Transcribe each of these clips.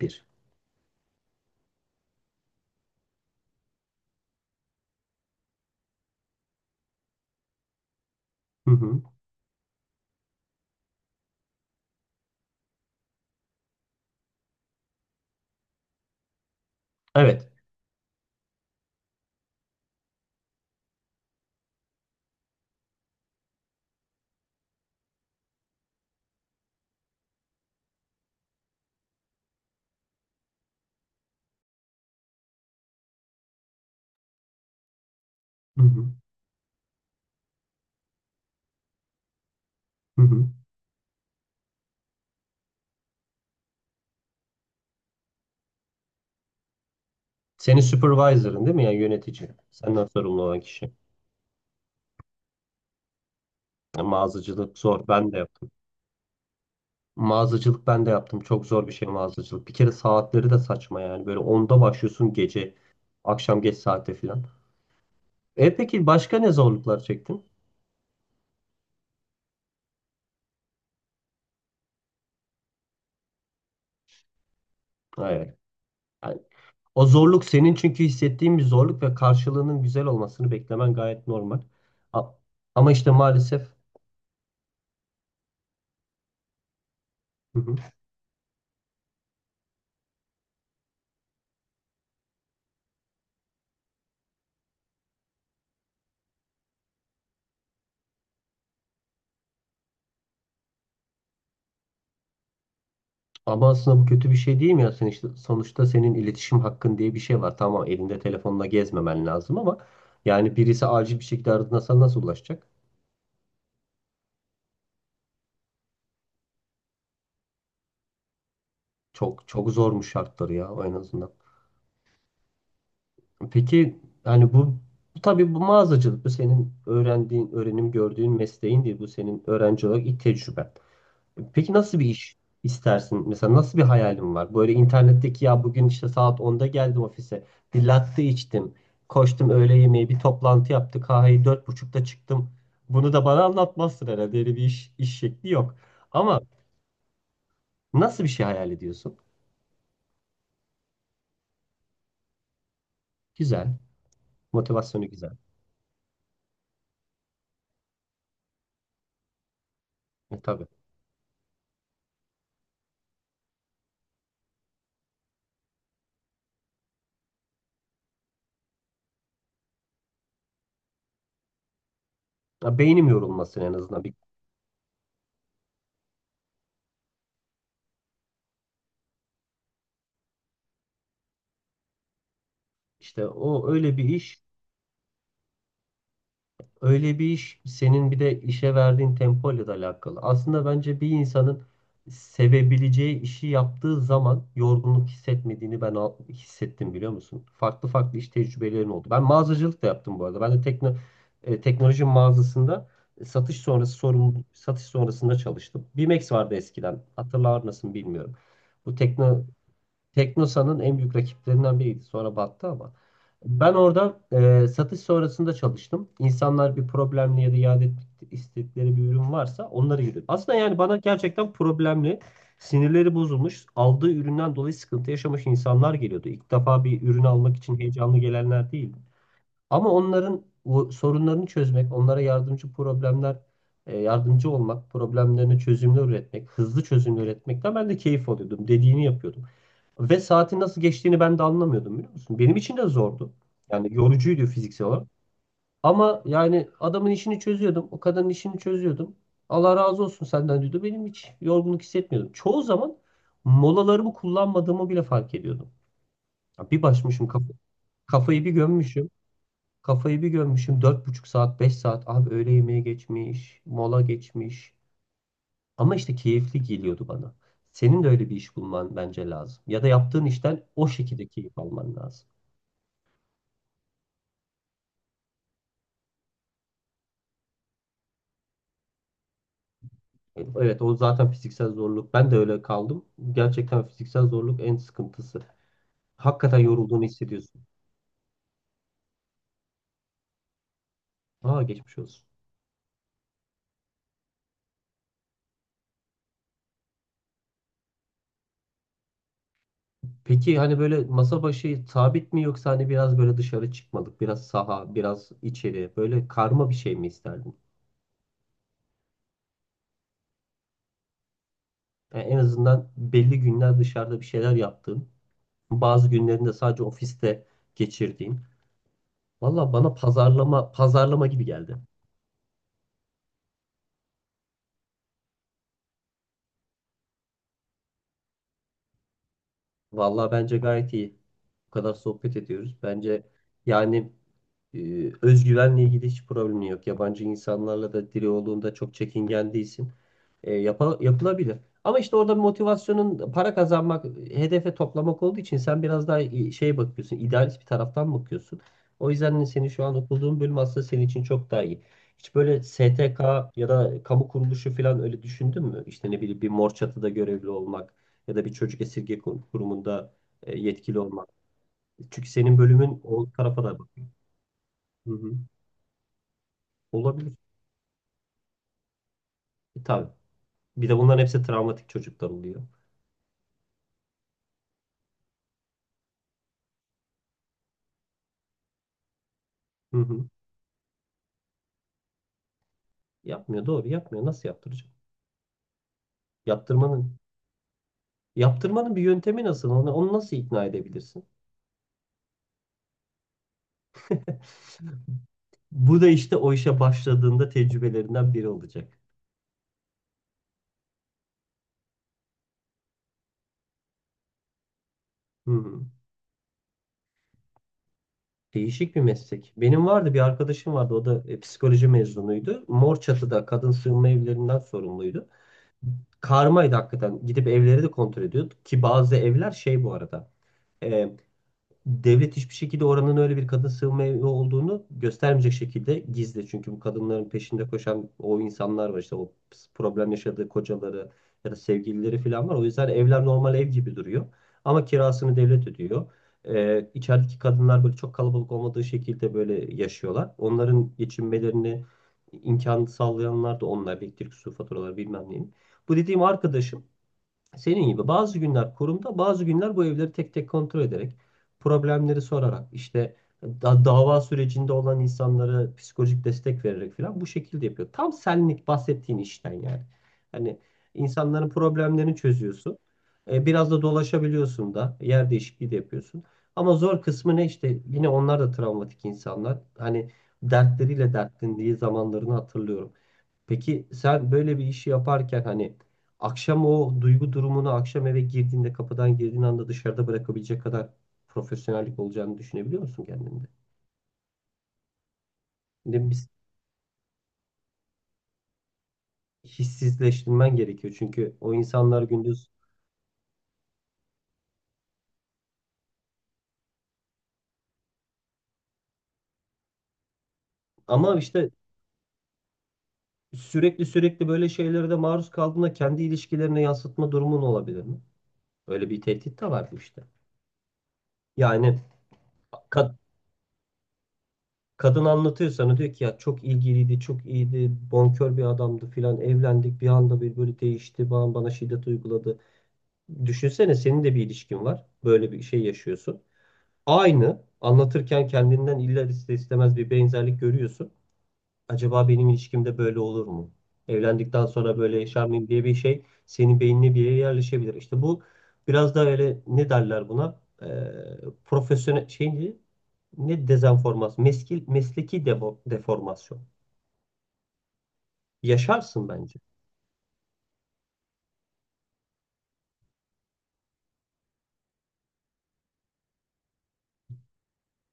Bir. Hı hı. Evet. Hı hı. Hı hı. Senin supervisor'ın değil mi? Yani yönetici. Senden sorumlu olan kişi. Yani mağazacılık zor. Ben de yaptım. Mağazacılık ben de yaptım. Çok zor bir şey mağazacılık. Bir kere saatleri de saçma yani. Böyle onda başlıyorsun gece. Akşam geç saate falan. E peki başka ne zorluklar çektin? Evet. Yani o zorluk senin çünkü hissettiğin bir zorluk ve karşılığının güzel olmasını beklemen gayet normal. A- Ama işte maalesef. Hı hı. Ama aslında bu kötü bir şey değil mi ya? Sen işte, sonuçta senin iletişim hakkın diye bir şey var. Tamam elinde telefonla gezmemen lazım ama yani birisi acil bir şekilde aradığında sana nasıl ulaşacak? Çok çok zormuş şartları ya en azından. Peki yani bu tabii bu mağazacılık bu senin öğrendiğin, öğrenim gördüğün mesleğin değil. Bu senin öğrenci olarak ilk tecrüben. Peki nasıl bir iş istersin? Mesela nasıl bir hayalin var? Böyle internetteki ya bugün işte saat onda geldim ofise. Bir latte içtim. Koştum öğle yemeği bir toplantı yaptı. Kahveyi dört buçukta çıktım. Bunu da bana anlatmazsın herhalde. Öyle bir iş şekli yok. Ama nasıl bir şey hayal ediyorsun? Güzel. Motivasyonu güzel. Tabii. Ya, beynim yorulmasın en azından. Bir, işte o öyle bir iş senin bir de işe verdiğin tempoyla da alakalı. Aslında bence bir insanın sevebileceği işi yaptığı zaman yorgunluk hissetmediğini hissettim biliyor musun? Farklı farklı iş tecrübelerim oldu. Ben mağazacılık da yaptım bu arada. Ben de teknoloji mağazasında satış sonrası sorumlu satış sonrasında çalıştım. Bimex vardı eskiden. Hatırlar mısın bilmiyorum. Bu tekno Teknosa'nın en büyük rakiplerinden biriydi. Sonra battı ama. Ben orada satış sonrasında çalıştım. İnsanlar bir problemli ya da iade etmek istedikleri bir ürün varsa onları yürüdüm. Aslında yani bana gerçekten problemli, sinirleri bozulmuş, aldığı üründen dolayı sıkıntı yaşamış insanlar geliyordu. İlk defa bir ürün almak için heyecanlı gelenler değil. Ama onların o sorunlarını çözmek, onlara yardımcı yardımcı olmak, problemlerine çözümler üretmek, hızlı çözümler üretmekten ben de keyif alıyordum. Dediğini yapıyordum. Ve saatin nasıl geçtiğini ben de anlamıyordum biliyor musun? Benim için de zordu. Yani yorucuydu fiziksel olarak. Ama yani adamın işini çözüyordum. O kadının işini çözüyordum. Allah razı olsun senden diyordu. Benim hiç yorgunluk hissetmiyordum. Çoğu zaman molalarımı kullanmadığımı bile fark ediyordum. Ya bir başmışım kafayı bir gömmüşüm. Kafayı bir görmüşüm dört buçuk saat 5 saat abi öğle yemeği geçmiş mola geçmiş ama işte keyifli geliyordu bana. Senin de öyle bir iş bulman bence lazım ya da yaptığın işten o şekilde keyif alman lazım. Evet o zaten fiziksel zorluk ben de öyle kaldım gerçekten fiziksel zorluk en sıkıntısı. Hakikaten yorulduğunu hissediyorsun. Aa geçmiş olsun. Peki hani böyle masa başı sabit mi yoksa hani biraz böyle dışarı çıkmalık, biraz saha, biraz içeri böyle karma bir şey mi isterdin? Yani en azından belli günler dışarıda bir şeyler yaptığım, bazı günlerinde sadece ofiste geçirdiğim. Valla bana pazarlama pazarlama gibi geldi. Valla bence gayet iyi. Bu kadar sohbet ediyoruz. Bence yani özgüvenle ilgili hiç problemin yok. Yabancı insanlarla da diri olduğunda çok çekingen değilsin. Yapılabilir. Ama işte orada motivasyonun para kazanmak, hedefe toplamak olduğu için sen biraz daha şeye bakıyorsun, idealist bir taraftan bakıyorsun. O yüzden seni şu an okuduğun bölüm aslında senin için çok daha iyi. Hiç böyle STK ya da kamu kuruluşu falan öyle düşündün mü? İşte ne bileyim bir mor çatıda görevli olmak ya da bir çocuk kurumunda yetkili olmak. Çünkü senin bölümün o tarafa da bak. Hı hı. Olabilir. E, tabii. Bir de bunların hepsi travmatik çocuklar oluyor. Hı hı. Yapmıyor doğru yapmıyor. Nasıl yaptıracak? Yaptırmanın yaptırmanın bir yöntemi nasıl? Onu nasıl ikna edebilirsin? Bu da işte o işe başladığında tecrübelerinden biri olacak. Hı hı. Değişik bir meslek. Benim bir arkadaşım vardı. O da psikoloji mezunuydu. Morçatı'da kadın sığınma evlerinden sorumluydu. Karmaydı hakikaten. Gidip evleri de kontrol ediyordu. Ki bazı evler şey bu arada. e, Devlet hiçbir şekilde oranın öyle bir kadın sığınma evi olduğunu göstermeyecek şekilde gizli. Çünkü bu kadınların peşinde koşan o insanlar var işte o problem yaşadığı kocaları ya da sevgilileri falan var. O yüzden evler normal ev gibi duruyor. Ama kirasını devlet ödüyor. İçerideki kadınlar böyle çok kalabalık olmadığı şekilde böyle yaşıyorlar. Onların geçinmelerini imkan sağlayanlar da onlar. Elektrik, su faturaları bilmem neyim. Bu dediğim arkadaşım senin gibi bazı günler kurumda, bazı günler bu evleri tek tek kontrol ederek, problemleri sorarak, işte dava sürecinde olan insanlara psikolojik destek vererek falan bu şekilde yapıyor. Tam senlik bahsettiğin işten yani. Hani insanların problemlerini çözüyorsun. E, biraz da dolaşabiliyorsun da, yer değişikliği de yapıyorsun. Ama zor kısmı ne işte yine onlar da travmatik insanlar. Hani dertleriyle dertlendiği zamanlarını hatırlıyorum. Peki sen böyle bir işi yaparken hani akşam o duygu durumunu akşam eve girdiğinde kapıdan girdiğin anda dışarıda bırakabilecek kadar profesyonellik olacağını düşünebiliyor musun kendinde? Yine biz hissizleştirmen gerekiyor çünkü o insanlar gündüz ama işte sürekli sürekli böyle şeylere de maruz kaldığında kendi ilişkilerine yansıtma durumun olabilir mi? Öyle bir tehdit de var bu işte. Yani ka- kadın anlatıyor sana diyor ki ya çok ilgiliydi, çok iyiydi, bonkör bir adamdı filan evlendik bir anda bir böyle değişti, bana şiddet uyguladı. Düşünsene senin de bir ilişkin var, böyle bir şey yaşıyorsun. Aynı anlatırken kendinden illa ister istemez bir benzerlik görüyorsun acaba benim ilişkimde böyle olur mu? Evlendikten sonra böyle yaşar mıyım diye bir şey senin beynine bir yere yerleşebilir. İşte bu biraz da öyle ne derler buna? Profesyonel şey ne? Ne dezenformasyon? Mesleki deformasyon. Yaşarsın bence.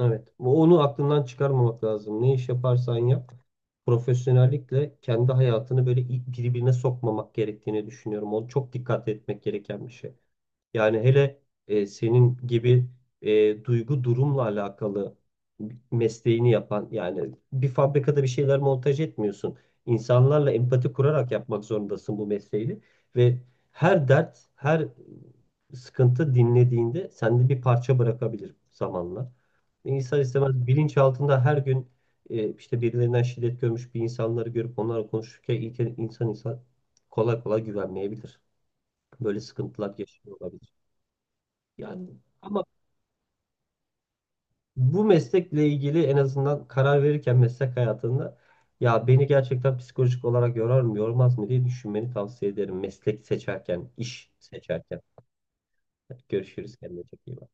Evet. Onu aklından çıkarmamak lazım. Ne iş yaparsan yap. Profesyonellikle kendi hayatını böyle birbirine sokmamak gerektiğini düşünüyorum. O çok dikkat etmek gereken bir şey. Yani hele senin gibi duygu durumla alakalı mesleğini yapan yani bir fabrikada bir şeyler montaj etmiyorsun. İnsanlarla empati kurarak yapmak zorundasın bu mesleği ve her dert, her sıkıntı dinlediğinde sende bir parça bırakabilir zamanla. İnsan istemez bilinç altında her gün işte birilerinden şiddet görmüş bir insanları görüp onlarla konuşurken ilk insan insan kolay kolay güvenmeyebilir. Böyle sıkıntılar yaşıyor olabilir. Yani ama bu meslekle ilgili en azından karar verirken meslek hayatında ya beni gerçekten psikolojik olarak yorar mı yormaz mı diye düşünmeni tavsiye ederim. Meslek seçerken, iş seçerken. Hadi görüşürüz kendine çok iyi bak.